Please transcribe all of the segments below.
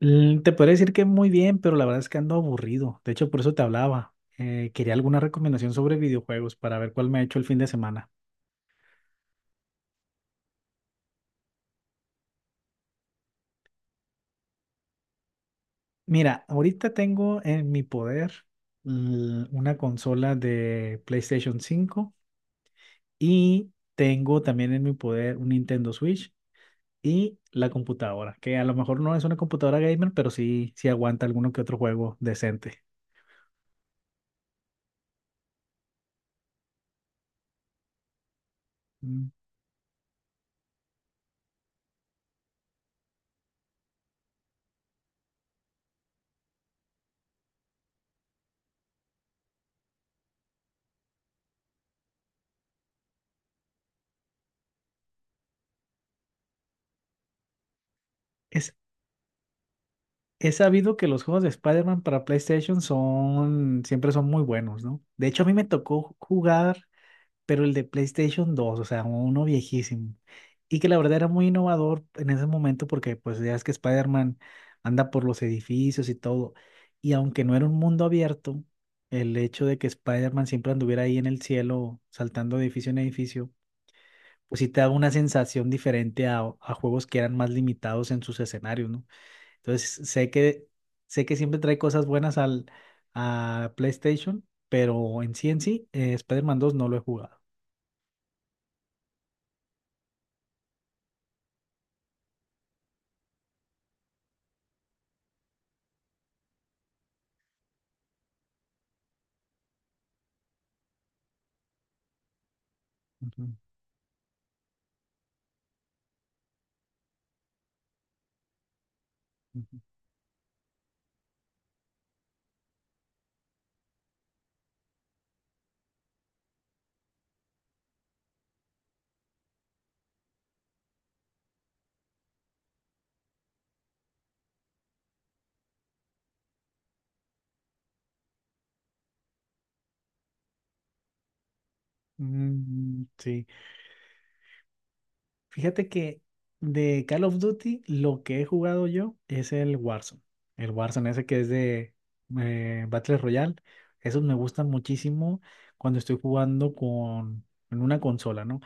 Te podría decir que muy bien, pero la verdad es que ando aburrido. De hecho, por eso te hablaba. Quería alguna recomendación sobre videojuegos para ver cuál me ha hecho el fin de semana. Mira, ahorita tengo en mi poder una consola de PlayStation cinco y tengo también en mi poder un Nintendo Switch y la computadora, que a lo mejor no es una computadora gamer, pero sí aguanta alguno que otro juego decente. Mm. Es He sabido que los juegos de Spider-Man para PlayStation siempre son muy buenos, ¿no? De hecho, a mí me tocó jugar, pero el de PlayStation dos, o sea, uno viejísimo. Y que la verdad era muy innovador en ese momento porque pues ya es que Spider-Man anda por los edificios y todo. Y aunque no era un mundo abierto, el hecho de que Spider-Man siempre anduviera ahí en el cielo, saltando de edificio en edificio, pues sí te da una sensación diferente a juegos que eran más limitados en sus escenarios, ¿no? Entonces, sé que siempre trae cosas buenas a PlayStation, pero en sí, Spider-Man 2 no lo he jugado. Ujú, ujú. Mm, sí. Fíjate que de Call of Duty lo que he jugado yo es el Warzone. El Warzone ese que es de Battle Royale. Esos me gustan muchísimo cuando estoy jugando con en una consola, ¿no?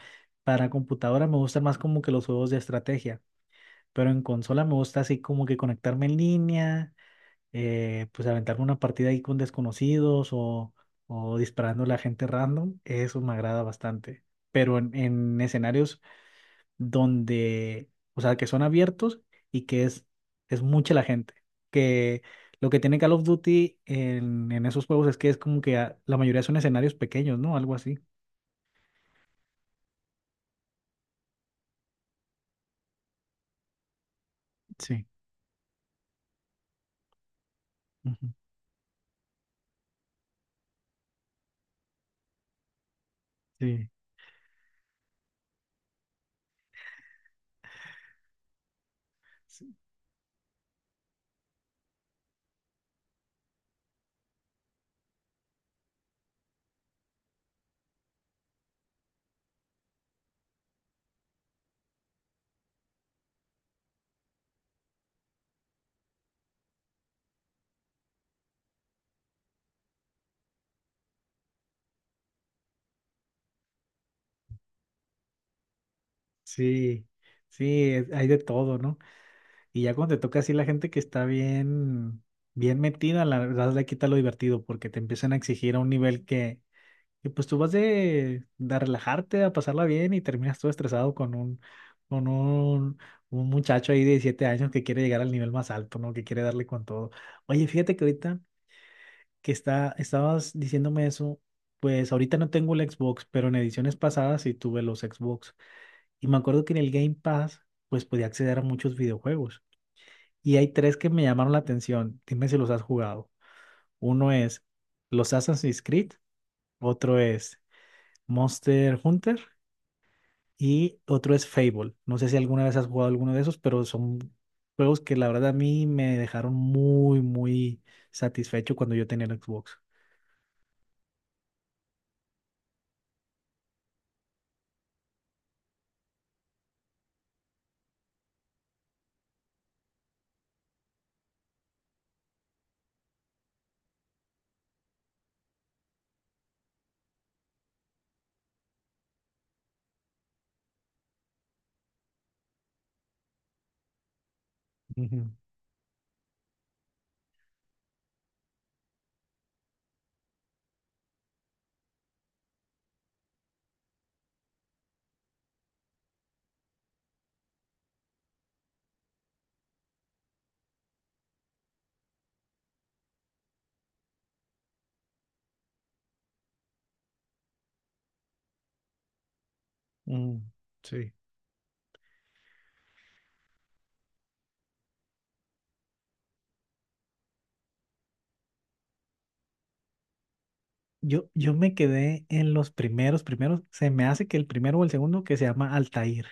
Para computadora me gustan más como que los juegos de estrategia. Pero en consola me gusta así como que conectarme en línea, pues aventarme una partida ahí con desconocidos o disparando a la gente random. Eso me agrada bastante. Pero en escenarios donde, o sea, que son abiertos y que es mucha la gente. Que lo que tiene Call of Duty en esos juegos es que es como que la mayoría son escenarios pequeños, ¿no? Algo así. Sí. Ujú. Sí, sí, sí, sí, hay de todo, ¿no? Y ya cuando te toca así la gente que está bien, bien metida, la verdad le quita lo divertido porque te empiezan a exigir a un nivel que, pues tú vas de relajarte, a pasarla bien y terminas todo estresado con con un, un muchacho ahí de 17 años que quiere llegar al nivel más alto, ¿no? Que quiere darle con todo. Oye, fíjate que ahorita que estabas diciéndome eso, pues ahorita no tengo el Xbox, pero en ediciones pasadas sí tuve los Xbox. Y me acuerdo que en el Game Pass, pues podía acceder a muchos videojuegos. Y hay tres que me llamaron la atención. Dime si los has jugado. Uno es los Assassin's Creed, otro es Monster Hunter y otro es Fable. No sé si alguna vez has jugado alguno de esos, pero son juegos que la verdad a mí me dejaron muy, muy satisfecho cuando yo tenía el Xbox. Ujú, ujú. Sí. Yo me quedé en los primeros, se me hace que el primero o el segundo que se llama Altair.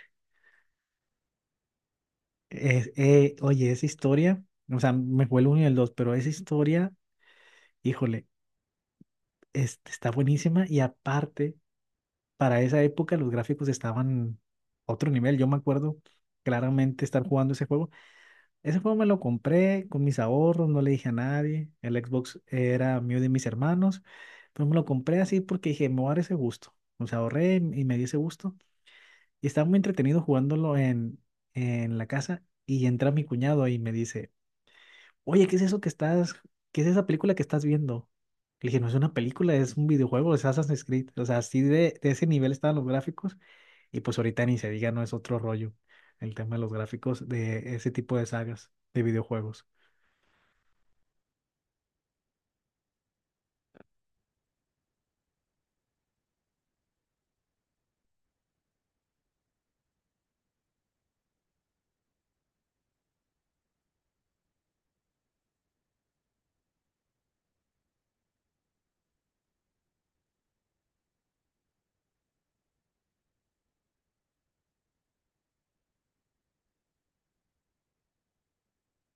Oye, esa historia, o sea, me fue el uno y el dos, pero esa historia híjole, este, está buenísima y aparte, para esa época los gráficos estaban a otro nivel. Yo me acuerdo claramente estar jugando ese juego. Ese juego me lo compré con mis ahorros, no le dije a nadie. El Xbox era mío y de mis hermanos, pero me lo compré así porque dije, me voy a dar ese gusto. O sea, ahorré y me di ese gusto. Y estaba muy entretenido jugándolo en la casa y entra mi cuñado y me dice, oye, ¿qué es esa película que estás viendo? Le dije, no es una película, es un videojuego, es Assassin's Creed. O sea, así de ese nivel estaban los gráficos y pues ahorita ni se diga, no es otro rollo el tema de los gráficos de ese tipo de sagas de videojuegos.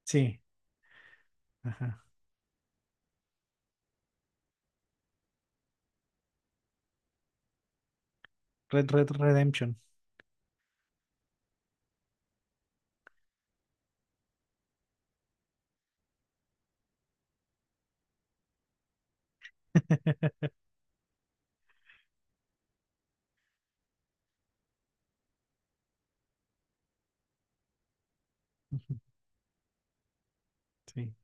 Sí, ajá. Red Redemption. Ujú. Sí.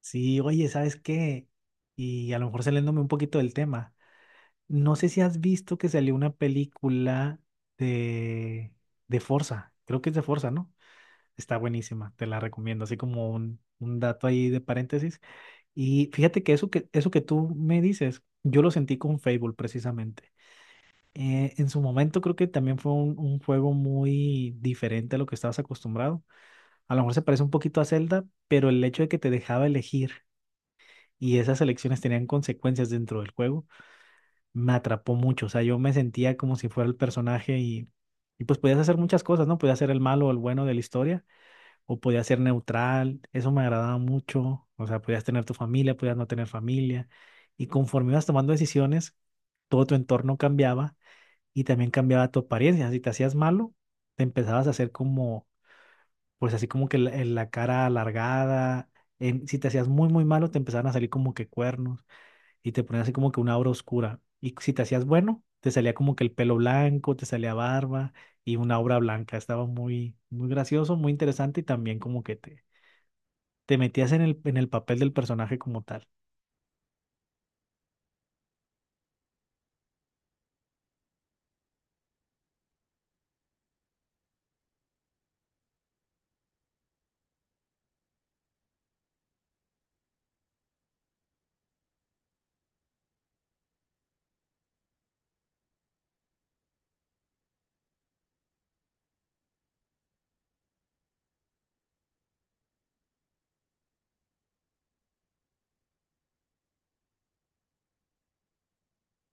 Sí, oye, ¿sabes qué? Y a lo mejor saliéndome un poquito del tema. No sé si has visto que salió una película de, de Forza. Creo que es de Forza, ¿no? Está buenísima, te la recomiendo, así como un dato ahí de paréntesis. Y fíjate que eso que tú me dices, yo lo sentí con Fable precisamente. En su momento creo que también fue un juego muy diferente a lo que estabas acostumbrado. A lo mejor se parece un poquito a Zelda, pero el hecho de que te dejaba elegir y esas elecciones tenían consecuencias dentro del juego, me atrapó mucho. O sea, yo me sentía como si fuera el personaje y pues podías hacer muchas cosas, ¿no? Podías ser el malo o el bueno de la historia o podías ser neutral, eso me agradaba mucho, o sea, podías tener tu familia, podías no tener familia, y conforme ibas tomando decisiones, todo tu entorno cambiaba y también cambiaba tu apariencia, si te hacías malo, te empezabas a hacer como, pues así como que en la cara alargada, si te hacías muy, muy malo, te empezaban a salir como que cuernos y te ponías así como que una aura oscura, y si te hacías bueno, te salía como que el pelo blanco, te salía barba y una obra blanca. Estaba muy, muy gracioso, muy interesante y también como que te metías en el papel del personaje como tal.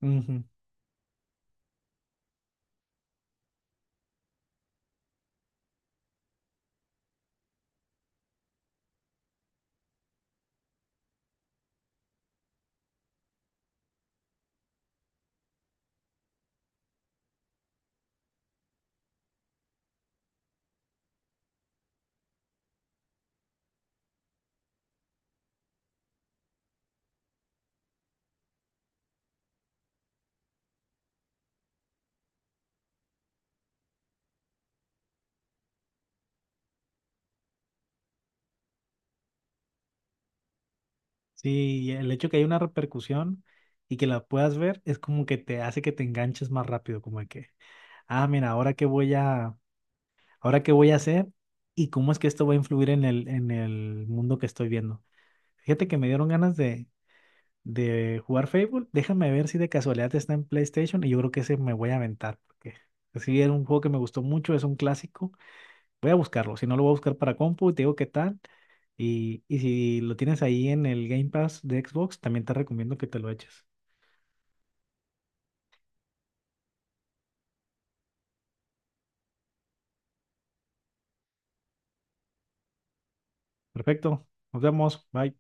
Ujú. Sí, y el hecho que hay una repercusión y que la puedas ver es como que te hace que te enganches más rápido, como de que, ah, mira, ahora qué voy a hacer y cómo es que esto va a influir en el mundo que estoy viendo. Fíjate que me dieron ganas de jugar Fable. Déjame ver si de casualidad está en PlayStation y yo creo que ese me voy a aventar, porque sí, era un juego que me gustó mucho, es un clásico. Voy a buscarlo, si no lo voy a buscar para compu, te digo qué tal. Y si lo tienes ahí en el Game Pass de Xbox, también te recomiendo que te lo eches. Perfecto, nos vemos, bye.